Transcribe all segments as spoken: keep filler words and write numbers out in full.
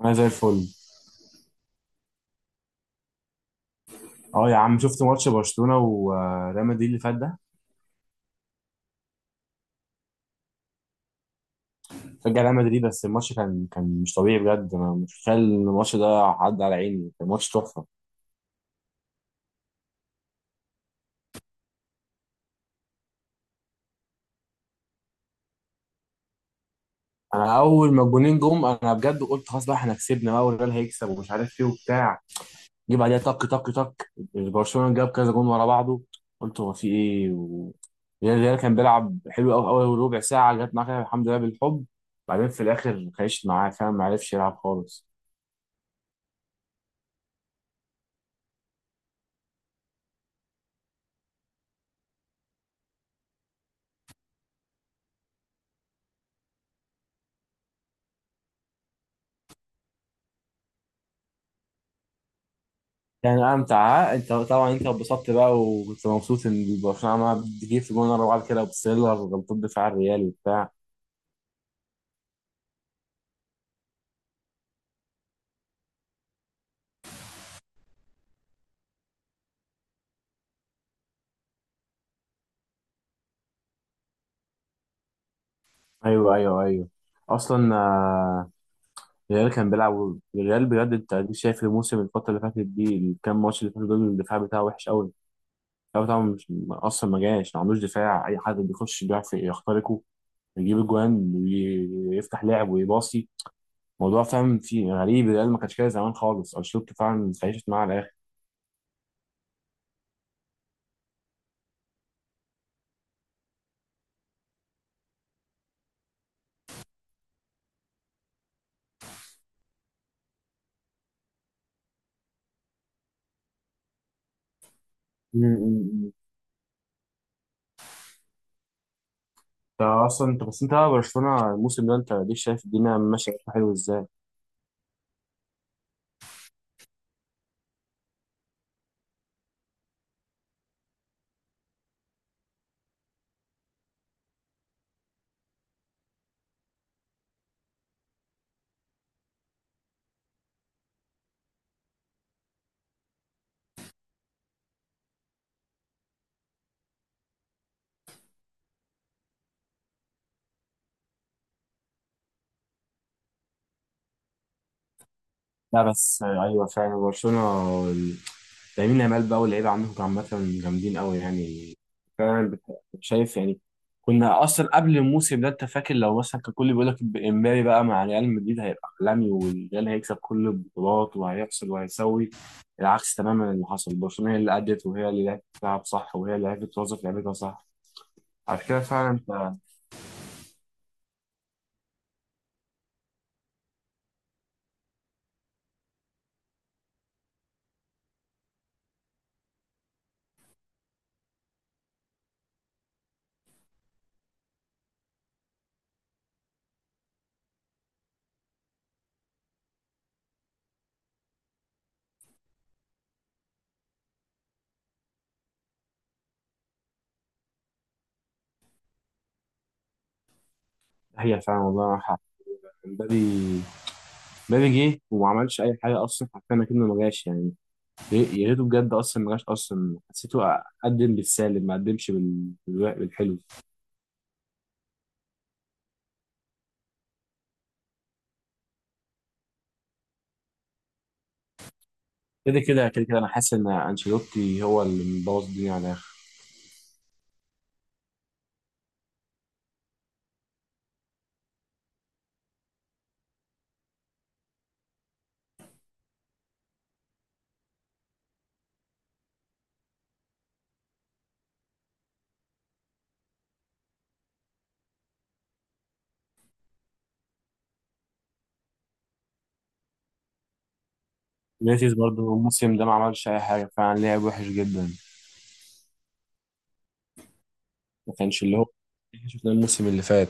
انا زي الفل. اه يا عم، شفت ماتش برشلونه وريال مدريد اللي فات ده؟ رجع ريال مدريد، بس الماتش كان كان مش طبيعي بجد. انا مش متخيل ان الماتش ده عدى على عيني، كان ماتش تحفه. انا اول ما الجونين جم انا بجد قلت خلاص بقى احنا كسبنا بقى، والريال هيكسب ومش عارف ايه وبتاع. جه بعديها طك طك طك، برشلونه جاب كذا جون ورا بعضه. قلت هو في ايه و... الريال الريال كان بيلعب حلو قوي اول ربع ساعه، جت معاه كده الحمد لله بالحب. بعدين في الاخر خيشت معاه، فاهم، ما عرفش يلعب خالص. كان امتع. ها؟ انت طبعا انت اتبسطت بقى وكنت مبسوط ان برشلونه عماله بتجيب في جون ورا بعض كده وبتسيلر غلطات دفاع الريال وبتاع. ايوه ايوه ايوه، اصلا آه، الريال كان بيلعب، الريال بجد انت أديك شايف الموسم، الفتره اللي فاتت دي الكام ماتش اللي فاتوا دول الدفاع بتاعه وحش قوي. الدفاع بتاعه مش اصلا، ما جاش، ما عندوش دفاع، اي حد بيخش بيعرف يخترقه، يجيب اجوان ويفتح لعب ويباصي. موضوع فاهم في غريب، الريال ما كانش كده زمان خالص، انشيلوتي فعلا اتعيشت معاه على الاخر. انت اصلا انت بس انت بقى برشلونه الموسم ده، انت ليك شايف الدنيا ماشيه حلو ازاي. لا بس آه، ايوه فعلا برشلونه ال- لامين يامال بقى واللعيبه عندكم عامه جامدين قوي يعني. فعلا بت- شايف يعني. كنا اصلا قبل الموسم ده انت فاكر، لو مثلا كان كل بيقول لك امبابي بقى مع ريال مدريد هيبقى عالمي والريال هيكسب كل البطولات وهيحصل وهيسوي. العكس تماما اللي حصل، برشلونه هي اللي ادت وهي اللي لعبت تلعب صح وهي اللي عرفت توظف لعبتها صح. على كده فعلا انت. هي فعلا والله معاك حق. امبابي، مبابي جه وما عملش اي حاجه اصلا، حرفيا اكنه ما جاش يعني. يا ريته بجد اصلا ما جاش، اصلا حسيته قدم بالسالب، ما قدمش بال- بالو- بالحلو. كده كده كده كده انا حاسس ان انشيلوتي هو اللي مبوظ الدنيا على الاخر. ماتيز برضه الموسم ده ما عملش اي حاجه، فعلا لعب وحش جدا. ما كانش اللي هو اللي شفناه الموسم اللي فات.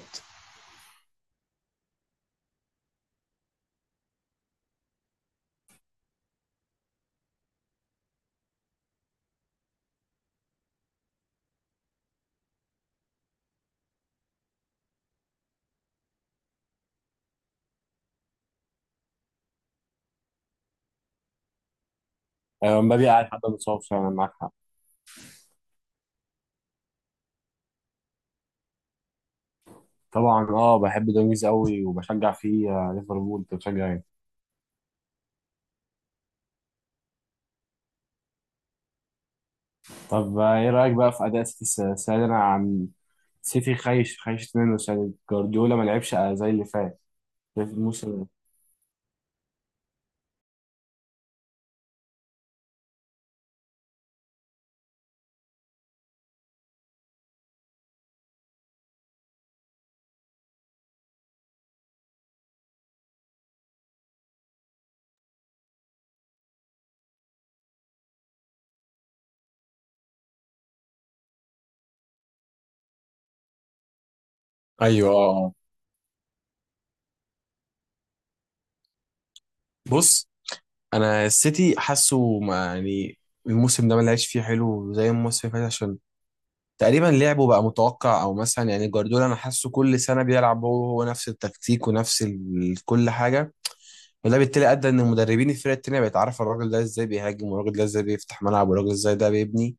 آه، مبابي قاعد، حد متصاب فعلا، معاك حق. طبعا اه، بحب دونجز قوي وبشجع فيه، آه، ليفربول أنت بتشجع؟ طب آه، ايه رايك بقى في اداء سيتي الس- السنه دي؟ انا عن سيتي خايش، خايش منه السنه دي، جوارديولا ما لعبش زي اللي فات في الموسم ده. ايوه اه آه. بص، انا السيتي حاسه ما- يعني الموسم ده ما لعبش فيه حلو زي الموسم اللي فات عشان تقريبا لعبه بقى متوقع. او مثلا يعني جوارديولا انا حاسه كل سنه بيلعب هو هو نفس التكتيك ونفس ال- كل حاجه. وده بالتالي ادى ان المدربين الفرق التانيه بقت عارفه الراجل ده ازاي بيهاجم والراجل ده ازاي بيفتح ملعب والراجل ازاي ده بيبني.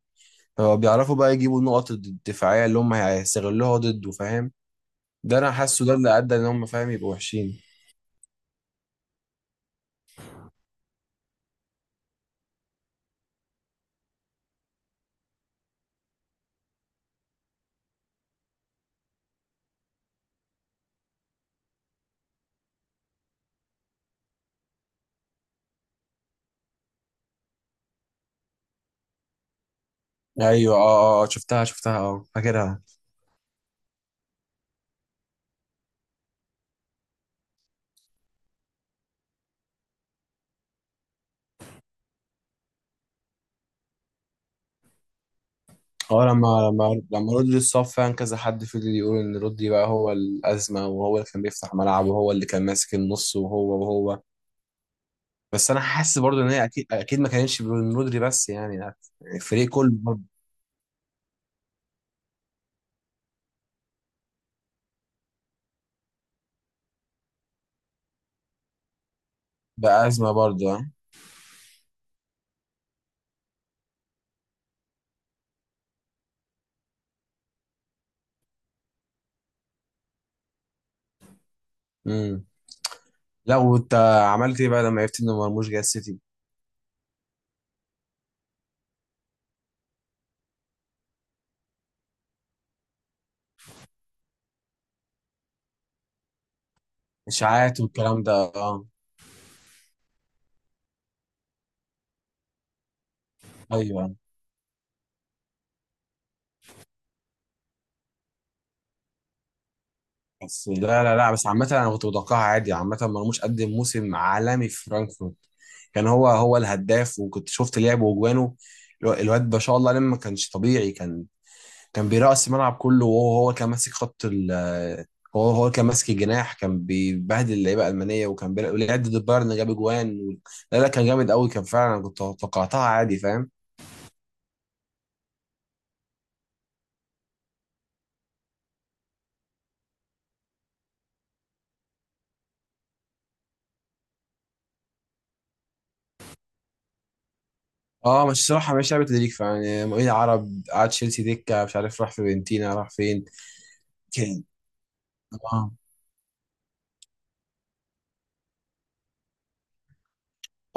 هو بيعرفوا بقى يجيبوا النقط الدفاعية اللي هم هيستغلوها ضده، فاهم. ده انا حاسه ده اللي ادى ان هم فاهم يبقوا وحشين. ايوه اه اه آه، شفتها شفتها اه، فاكرها. اه، لما لما لما رودري اتصاب فعلا كذا حد فضل يقول ان رودري بقى هو الازمه، وهو اللي كان بيفتح ملعب وهو اللي كان ماسك النص وهو وهو. بس انا حاسس برضه ان هي اكيد اكيد ما كانتش من رودري بس يعني يعني. الفريق كله برضه بقى ازمه برضه اه. امم، لا، وانت عملت ايه بقى لما عرفت ان مرموش جاي السيتي؟ اشاعات والكلام ده اه. ايوه، بس لا لا لا بس عامة انا كنت متوقعها عادي. عامة مرموش قدم موسم عالمي في فرانكفورت، كان هو هو الهداف وكنت شفت لعبه وجوانه. الو- الواد ما شاء الله لما ما كانش طبيعي، كان كان بيرقص الملعب كله، وهو هو كان ماسك خط ال هو هو كان ماسك الجناح، كان بيبهدل اللعيبة الألمانية وكان بيلعب، ولعب ضد البايرن جاب جوان و... لا لا، كان جامد قوي كان فعلا. أنا كنت توقعتها عادي، فاهم. اه، مش صراحة مش لعبة تدريج فعلا، يعني مؤيد عرب قعد تشيلسي دكة، مش عارف راح فيورنتينا راح فين. كان آه.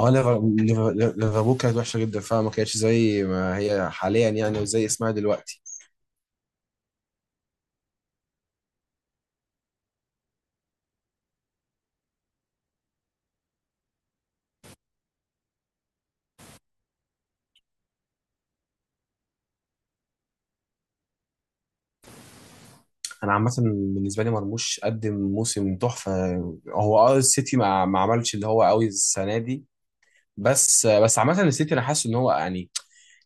اه، ليفر- ليفر- ليفربول كانت وحشه جدا فعلا، ما كانتش زي ما هي حاليا يعني وزي اسمها دلوقتي. انا عامه بالنسبه لي مرموش قدم موسم تحفه. هو اه السيتي ما, ما عملش اللي هو قوي السنه دي. بس بس عامه السيتي انا حاسس ان هو يعني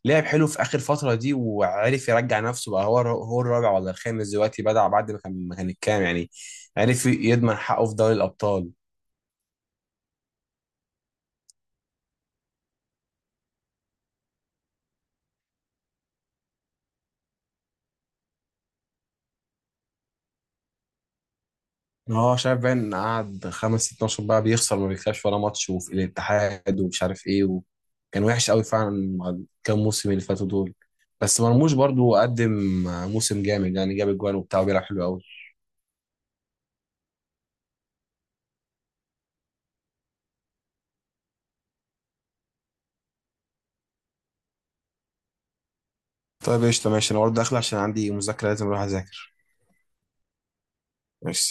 لعب حلو في اخر فتره دي وعرف يرجع نفسه بقى، هو هو الرابع ولا الخامس دلوقتي بدع، بعد ما كان ما كان الكام يعني. عرف يضمن حقه في دوري الابطال. هو شايف باين قعد خمس ست ماتشات بقى بيخسر، ما بيكسبش ولا ماتش، وفي الاتحاد ومش عارف ايه و... كان وحش قوي فعلا مع الكام موسم اللي فاتوا دول. بس مرموش برضو قدم موسم جامد يعني، جاب اجوان وبتاع وبيلعب حلو قوي. طيب قشطة ماشي، انا برضه داخل عشان عندي مذاكرة لازم اروح اذاكر. ماشي.